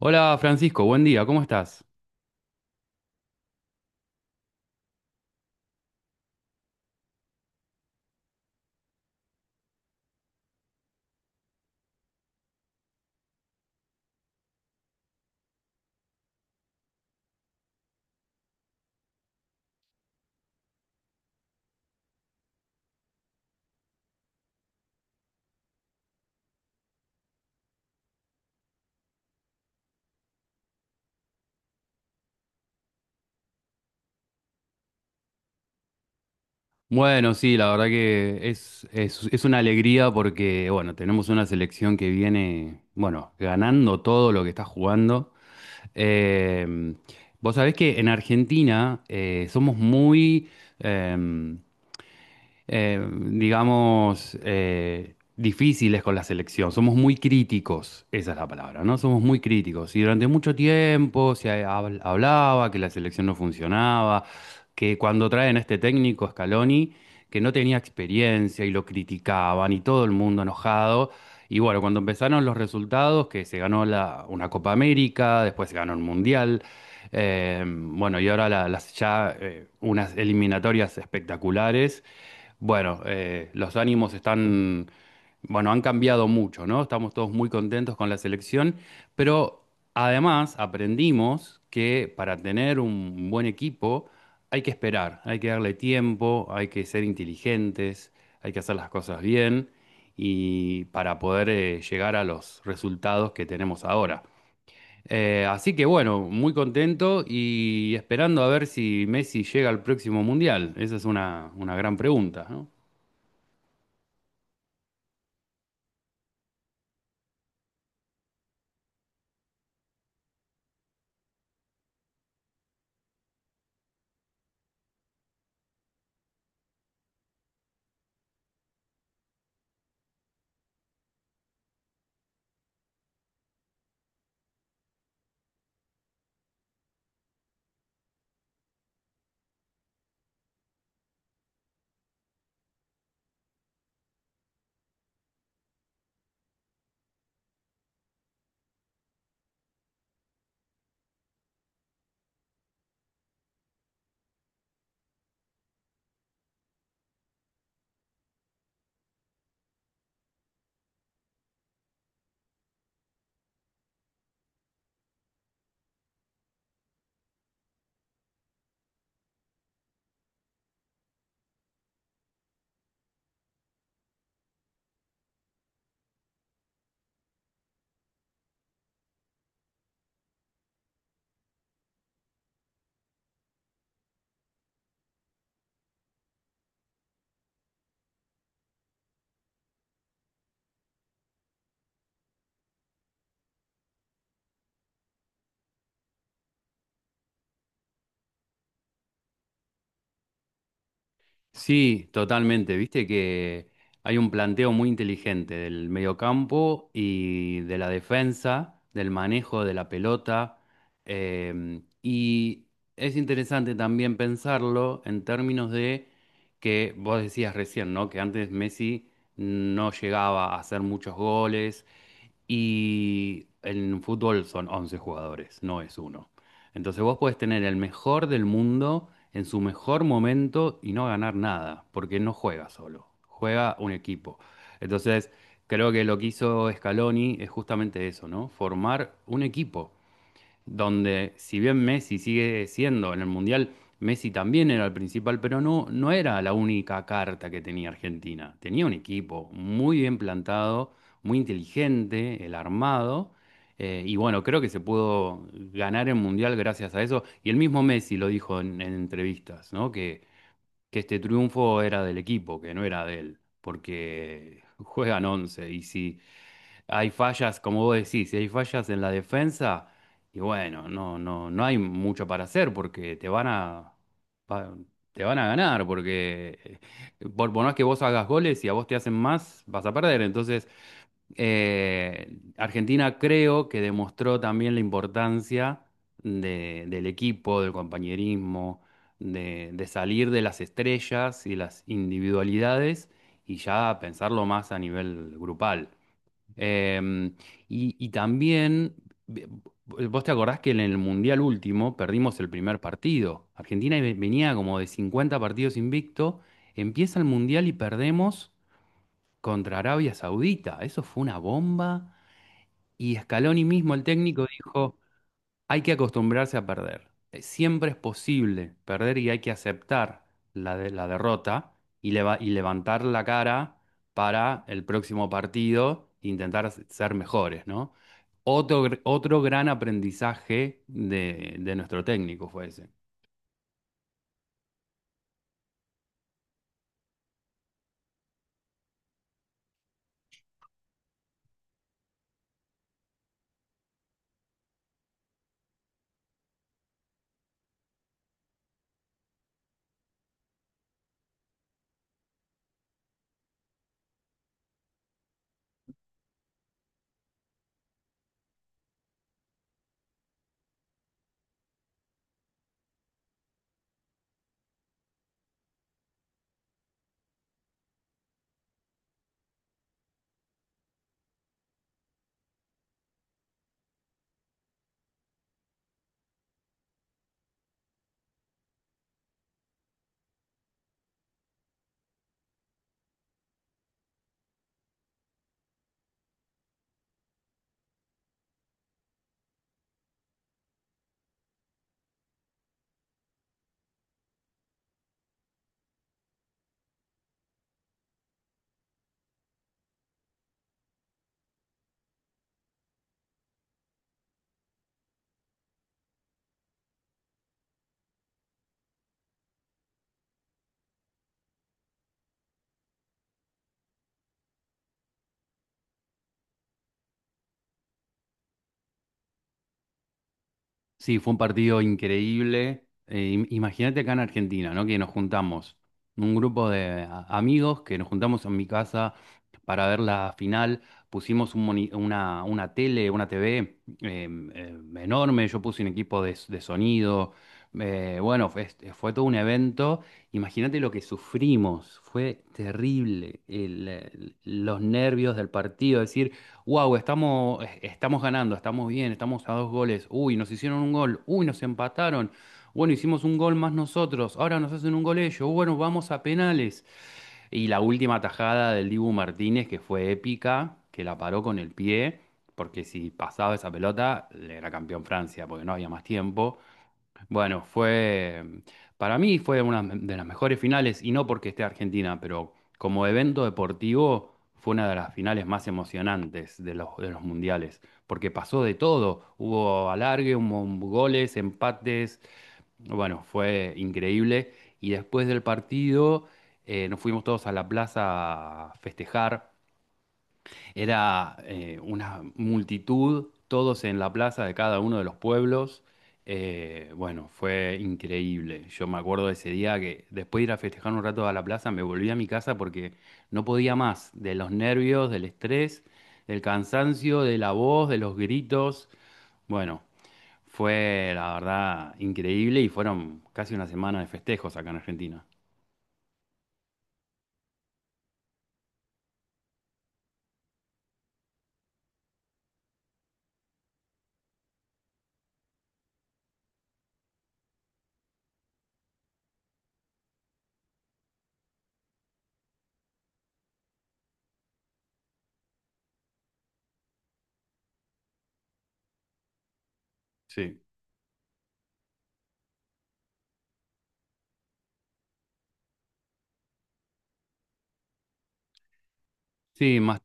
Hola Francisco, buen día, ¿cómo estás? Bueno, sí, la verdad que es una alegría porque, bueno, tenemos una selección que viene, bueno, ganando todo lo que está jugando. Eh, vos sabés que en Argentina somos muy, eh, digamos, difíciles con la selección. Somos muy críticos, esa es la palabra, ¿no? Somos muy críticos. Y durante mucho tiempo se hablaba que la selección no funcionaba, que cuando traen a este técnico, Scaloni, que no tenía experiencia y lo criticaban y todo el mundo enojado. Y bueno, cuando empezaron los resultados, que se ganó una Copa América, después se ganó el Mundial, bueno, y ahora las ya unas eliminatorias espectaculares. Bueno, los ánimos están, bueno, han cambiado mucho, ¿no? Estamos todos muy contentos con la selección, pero además aprendimos que para tener un buen equipo hay que esperar, hay que darle tiempo, hay que ser inteligentes, hay que hacer las cosas bien y para poder llegar a los resultados que tenemos ahora. Así que bueno, muy contento y esperando a ver si Messi llega al próximo mundial. Esa es una gran pregunta, ¿no? Sí, totalmente. Viste que hay un planteo muy inteligente del mediocampo y de la defensa, del manejo de la pelota. Y es interesante también pensarlo en términos de que vos decías recién, ¿no? Que antes Messi no llegaba a hacer muchos goles y en fútbol son 11 jugadores, no es uno. Entonces vos podés tener el mejor del mundo en su mejor momento y no ganar nada, porque no juega solo, juega un equipo. Entonces creo que lo que hizo Scaloni es justamente eso, ¿no? Formar un equipo donde si bien Messi sigue siendo en el Mundial, Messi también era el principal, pero no era la única carta que tenía Argentina. Tenía un equipo muy bien plantado, muy inteligente, el armado, y bueno, creo que se pudo ganar el Mundial gracias a eso. Y el mismo Messi lo dijo en entrevistas, ¿no? Que este triunfo era del equipo, que no era de él, porque juegan 11 y si hay fallas, como vos decís, si hay fallas en la defensa, y bueno, no hay mucho para hacer porque te van pa- te van a ganar, porque por más que vos hagas goles y a vos te hacen más, vas a perder. Entonces, Argentina creo que demostró también la importancia del equipo, del compañerismo, de salir de las estrellas y las individualidades y ya pensarlo más a nivel grupal. Eh, y también, ve- vos te acordás que en el Mundial último perdimos el primer partido. Argentina venía como de 50 partidos invicto, empieza el Mundial y perdemos contra Arabia Saudita. Eso fue una bomba. Y Scaloni mismo, el técnico, dijo, hay que acostumbrarse a perder. Siempre es posible perder y hay que aceptar la derrota levantar la cara para el próximo partido, e intentar ser mejores, ¿no? Otro, otro gran aprendizaje de nuestro técnico fue ese. Sí, fue un partido increíble. Imagínate acá en Argentina, ¿no? Que nos juntamos, un grupo de amigos que nos juntamos en mi casa para ver la final. Pusimos un una tele, una TV enorme. Yo puse un equipo de sonido. Fue todo un evento. Imagínate lo que sufrimos. Fue terrible. Los nervios del partido. Wow, estamos ganando, estamos bien, estamos a dos goles. Uy, nos hicieron un gol. Uy, nos empataron. Bueno, hicimos un gol más nosotros. Ahora nos hacen un gol ellos. Bueno, vamos a penales. Y la última tajada del Dibu Martínez, que fue épica, que la paró con el pie, porque si pasaba esa pelota, le era campeón Francia, porque no había más tiempo. Bueno, para mí fue una de las mejores finales, y no porque esté Argentina, pero como evento deportivo fue una de las finales más emocionantes de de los mundiales, porque pasó de todo, hubo alargue, hubo goles, empates, bueno, fue increíble, y después del partido nos fuimos todos a la plaza a festejar, era una multitud, todos en la plaza de cada uno de los pueblos. Bueno, fue increíble. Yo me acuerdo de ese día que después de ir a festejar un rato a la plaza, me volví a mi casa porque no podía más de los nervios, del estrés, del cansancio, de la voz, de los gritos. Bueno, fue la verdad increíble y fueron casi una semana de festejos acá en Argentina. Sí. Sí, más.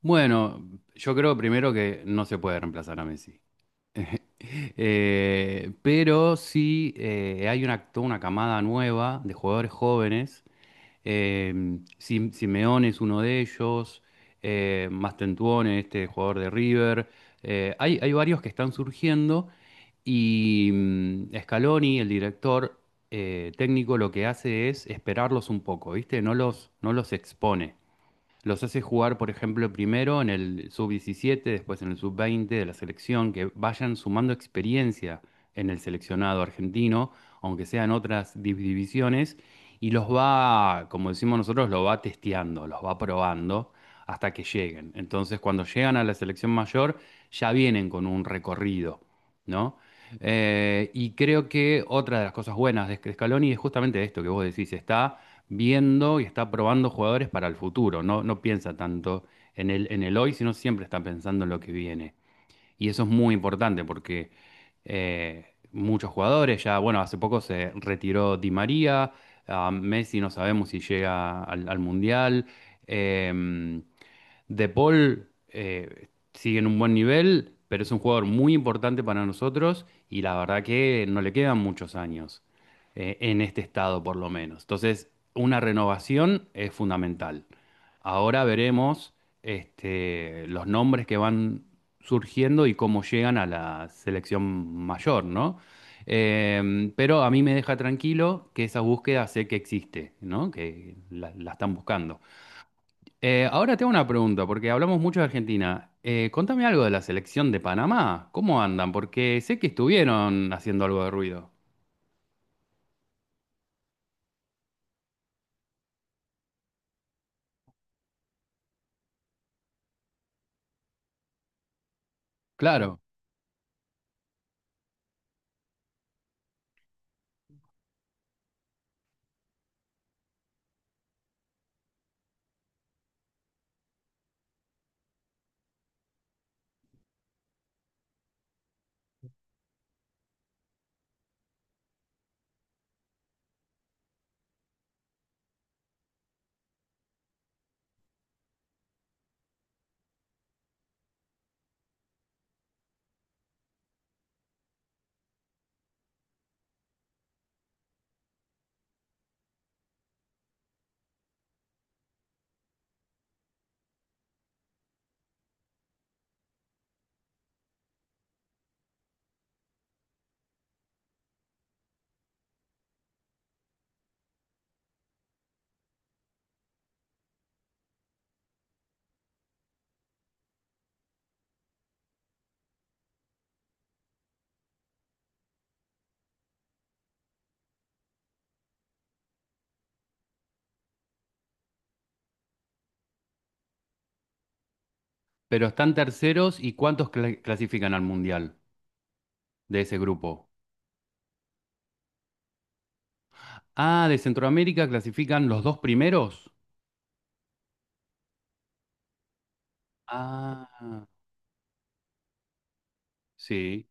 Bueno, yo creo primero que no se puede reemplazar a Messi. Pero sí hay una, toda una camada nueva de jugadores jóvenes. Eh, Simeone es uno de ellos, Mastentuone, este jugador de River. Hay varios que están surgiendo y Scaloni, el director técnico, lo que hace es esperarlos un poco, ¿viste? No los expone. Los hace jugar, por ejemplo, primero en el sub-17, después en el sub-20 de la selección, que vayan sumando experiencia en el seleccionado argentino, aunque sean otras divisiones, y los va, como decimos nosotros, los va testeando, los va probando hasta que lleguen. Entonces, cuando llegan a la selección mayor, ya vienen con un recorrido, ¿no? Y creo que otra de las cosas buenas de Scaloni es justamente esto que vos decís, está viendo y está probando jugadores para el futuro. No piensa tanto en el hoy, sino siempre está pensando en lo que viene. Y eso es muy importante porque muchos jugadores ya, bueno, hace poco se retiró Di María, a Messi no sabemos si llega al Mundial. em, de Paul sigue en un buen nivel, pero es un jugador muy importante para nosotros y la verdad que no le quedan muchos años en este estado por lo menos. Entonces, una renovación es fundamental. Ahora veremos los nombres que van surgiendo y cómo llegan a la selección mayor, ¿no? Pero a mí me deja tranquilo que esa búsqueda sé que existe, ¿no? Que la están buscando. Ahora te hago una pregunta, porque hablamos mucho de Argentina. Contame algo de la selección de Panamá. ¿Cómo andan? Porque sé que estuvieron haciendo algo de ruido. Claro, pero están terceros y ¿cuántos clasifican al Mundial de ese grupo? Ah, de Centroamérica clasifican los dos primeros. Ah, sí.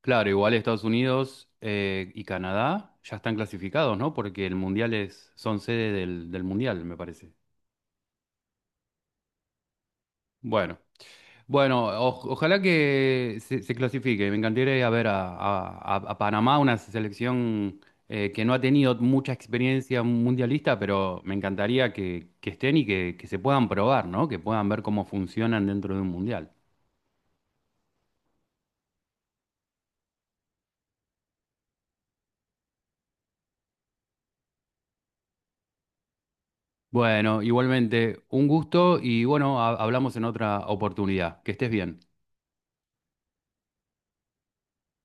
Claro, igual Estados Unidos y Canadá ya están clasificados, ¿no? Porque el Mundial es, son sede del Mundial, me parece. Bueno. Bueno, ojalá que se clasifique. Me encantaría ir a ver a Panamá, una selección que no ha tenido mucha experiencia mundialista, pero me encantaría que estén y que se puedan probar, ¿no? Que puedan ver cómo funcionan dentro de un mundial. Bueno, igualmente, un gusto y bueno, hablamos en otra oportunidad. Que estés bien.